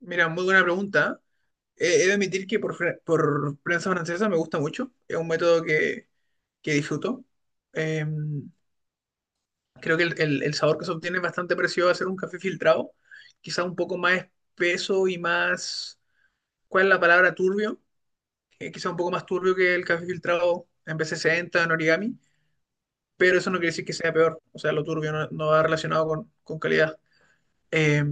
Mira, muy buena pregunta. He de admitir que por prensa francesa me gusta mucho. Es un método que disfruto. Eh, Creo que el sabor que se obtiene es bastante parecido a hacer un café filtrado. Quizá un poco más espeso y más... ¿Cuál es la palabra? Turbio. Quizá un poco más turbio que el café filtrado en B60, en origami. Pero eso no quiere decir que sea peor. O sea, lo turbio no va relacionado con calidad. Eh,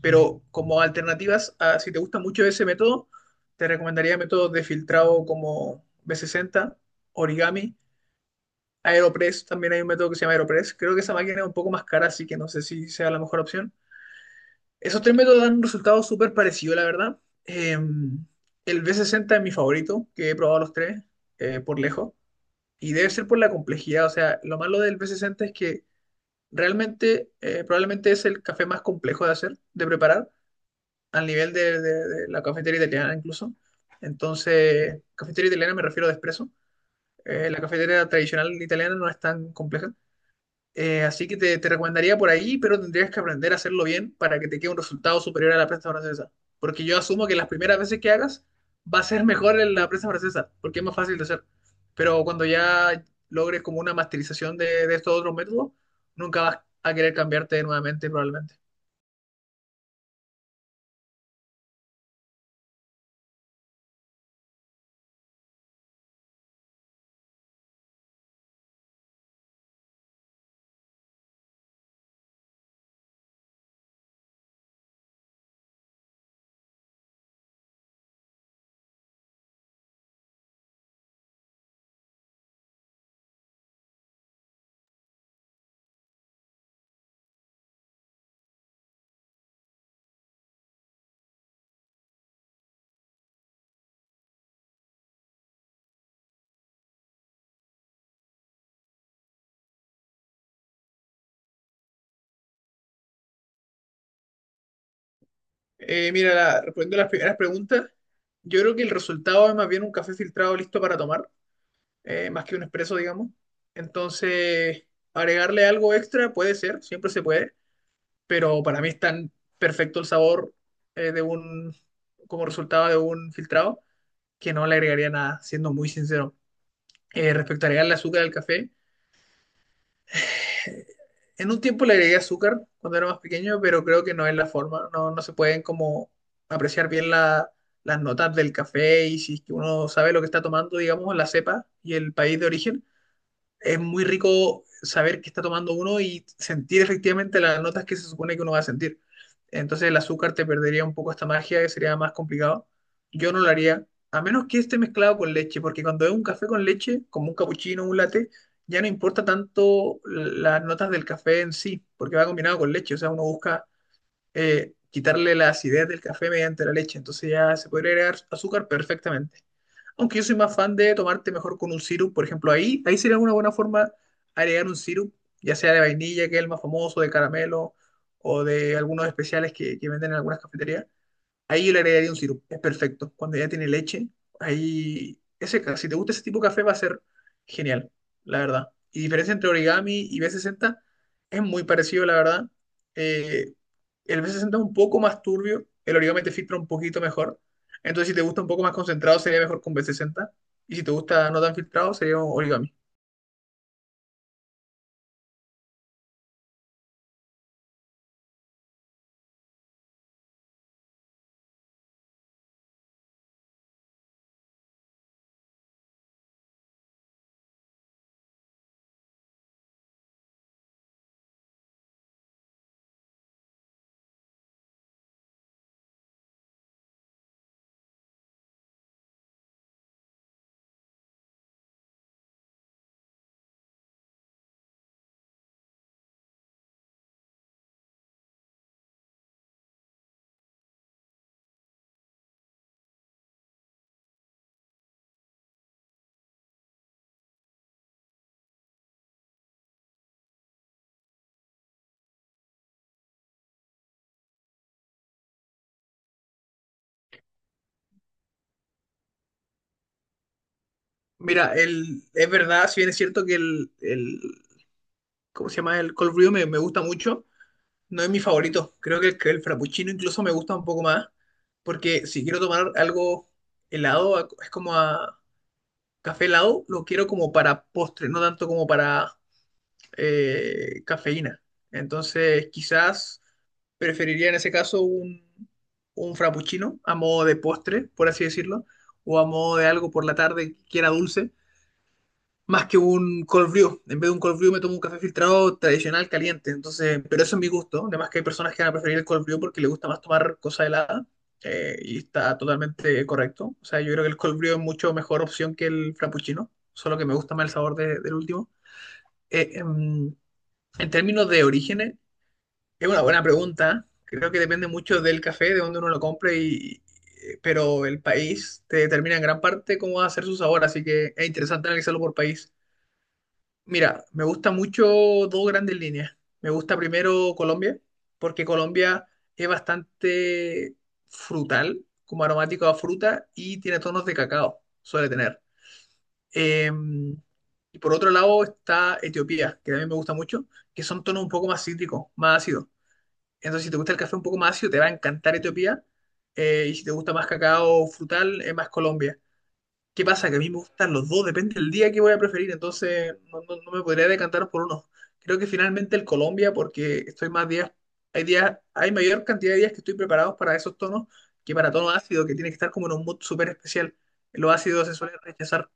pero como alternativas, si te gusta mucho ese método, te recomendaría métodos de filtrado como B60, Origami, Aeropress, también hay un método que se llama Aeropress. Creo que esa máquina es un poco más cara, así que no sé si sea la mejor opción. Esos tres métodos dan un resultado súper parecido, la verdad. Eh, el B60 es mi favorito, que he probado los tres, por lejos. Y debe ser por la complejidad, o sea, lo malo del B60 es que realmente probablemente es el café más complejo de hacer, de preparar al nivel de, de la cafetería italiana incluso. Entonces, cafetería italiana me refiero a Espresso. La cafetería tradicional italiana no es tan compleja. Así que te recomendaría por ahí, pero tendrías que aprender a hacerlo bien para que te quede un resultado superior a la prensa francesa. Porque yo asumo que las primeras veces que hagas va a ser mejor en la prensa francesa, porque es más fácil de hacer. Pero cuando ya logres como una masterización de estos otros métodos, nunca vas a querer cambiarte nuevamente probablemente. Mira, respondiendo a las primeras preguntas, yo creo que el resultado es más bien un café filtrado listo para tomar, más que un expreso, digamos. Entonces, agregarle algo extra puede ser, siempre se puede, pero para mí es tan perfecto el sabor de un, como resultado de un filtrado, que no le agregaría nada, siendo muy sincero. Respecto a agregarle azúcar al café. En un tiempo le agregué azúcar cuando era más pequeño, pero creo que no es la forma. No, no se pueden como apreciar bien las notas del café y si es que uno sabe lo que está tomando, digamos, la cepa y el país de origen, es muy rico saber qué está tomando uno y sentir efectivamente las notas que se supone que uno va a sentir. Entonces el azúcar te perdería un poco esta magia, que sería más complicado. Yo no lo haría, a menos que esté mezclado con leche, porque cuando es un café con leche, como un cappuccino, un latte, ya no importa tanto las notas del café en sí, porque va combinado con leche. O sea, uno busca quitarle la acidez del café mediante la leche. Entonces ya se podría agregar azúcar perfectamente. Aunque yo soy más fan de tomarte mejor con un sirup, por ejemplo, ahí sería una buena forma agregar un sirup, ya sea de vainilla, que es el más famoso, de caramelo, o de algunos especiales que venden en algunas cafeterías. Ahí yo le agregaría un sirope, es perfecto. Cuando ya tiene leche, ahí ese, si te gusta ese tipo de café va a ser genial, la verdad. Y diferencia entre Origami y B60 es muy parecido, la verdad. Eh, el B60 es un poco más turbio, el Origami te filtra un poquito mejor. Entonces, si te gusta un poco más concentrado, sería mejor con B60. Y si te gusta no tan filtrado, sería Origami. Mira, el, es verdad, si bien es cierto que ¿cómo se llama? El Cold Brew me gusta mucho. No es mi favorito. Creo que que el frappuccino incluso me gusta un poco más. Porque si quiero tomar algo helado, es como a café helado, lo quiero como para postre, no tanto como para cafeína. Entonces, quizás preferiría en ese caso un frappuccino a modo de postre, por así decirlo, o a modo de algo por la tarde que era dulce más que un cold brew. En vez de un cold brew me tomo un café filtrado tradicional caliente. Entonces, pero eso es mi gusto. Además que hay personas que van a preferir el cold brew porque les gusta más tomar cosa helada. Y está totalmente correcto. O sea, yo creo que el cold brew es mucho mejor opción que el frappuccino. Solo que me gusta más el sabor del último. Eh, em, en términos de orígenes, es una buena pregunta. Creo que depende mucho del café, de dónde uno lo compre y... pero el país te determina en gran parte cómo va a ser su sabor, así que es interesante analizarlo por país. Mira, me gusta mucho dos grandes líneas. Me gusta primero Colombia, porque Colombia es bastante frutal, como aromático a fruta, y tiene tonos de cacao, suele tener. Eh, y por otro lado está Etiopía, que también me gusta mucho, que son tonos un poco más cítricos, más ácidos. Entonces, si te gusta el café un poco más ácido, te va a encantar Etiopía. Y si te gusta más cacao frutal, es más Colombia. ¿Qué pasa? Que a mí me gustan los dos, depende del día que voy a preferir, entonces no, no me podría decantar por uno. Creo que finalmente el Colombia, porque estoy más días, hay mayor cantidad de días que estoy preparado para esos tonos que para tono ácido, que tiene que estar como en un mood súper especial. Los ácidos se suelen rechazar.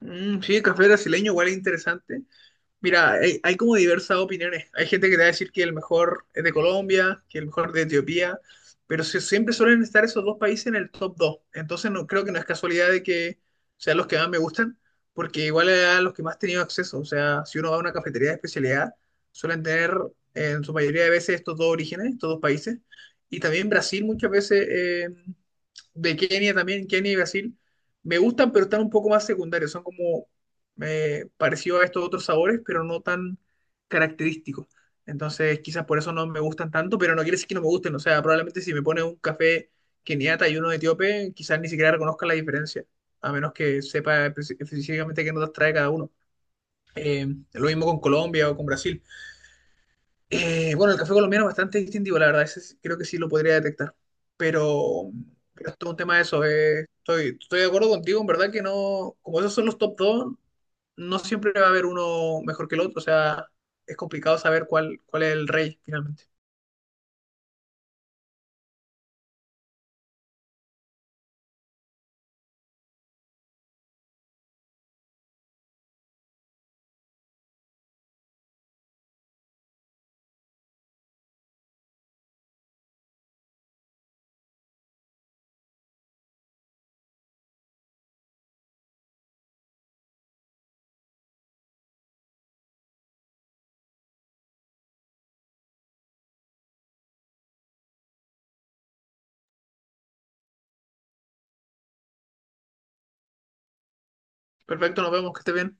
Mm, sí, café brasileño igual es interesante. Mira, hay como diversas opiniones. Hay gente que te va a decir que el mejor es de Colombia, que el mejor de Etiopía, pero siempre suelen estar esos dos países en el top 2. Entonces no, creo que no es casualidad de que sean los que más me gustan, porque igual a los que más he tenido acceso. O sea, si uno va a una cafetería de especialidad, suelen tener en su mayoría de veces estos dos orígenes, estos dos países. Y también Brasil muchas veces, de Kenia también, Kenia y Brasil, me gustan, pero están un poco más secundarios. Son como parecido a estos otros sabores, pero no tan característico. Entonces, quizás por eso no me gustan tanto, pero no quiere decir que no me gusten. O sea, probablemente si me pones un café keniata y uno etíope, quizás ni siquiera reconozca la diferencia, a menos que sepa específicamente qué notas trae cada uno. Eh, lo mismo con Colombia o con Brasil. Bueno, el café colombiano es bastante distintivo, la verdad, ese sí- creo que sí lo podría detectar. Pero, pero es todo un tema de eso. Estoy de acuerdo contigo, en verdad que no, como esos son los top 2 no siempre va a haber uno mejor que el otro, o sea, es complicado saber cuál, cuál es el rey finalmente. Perfecto, nos vemos, que esté bien.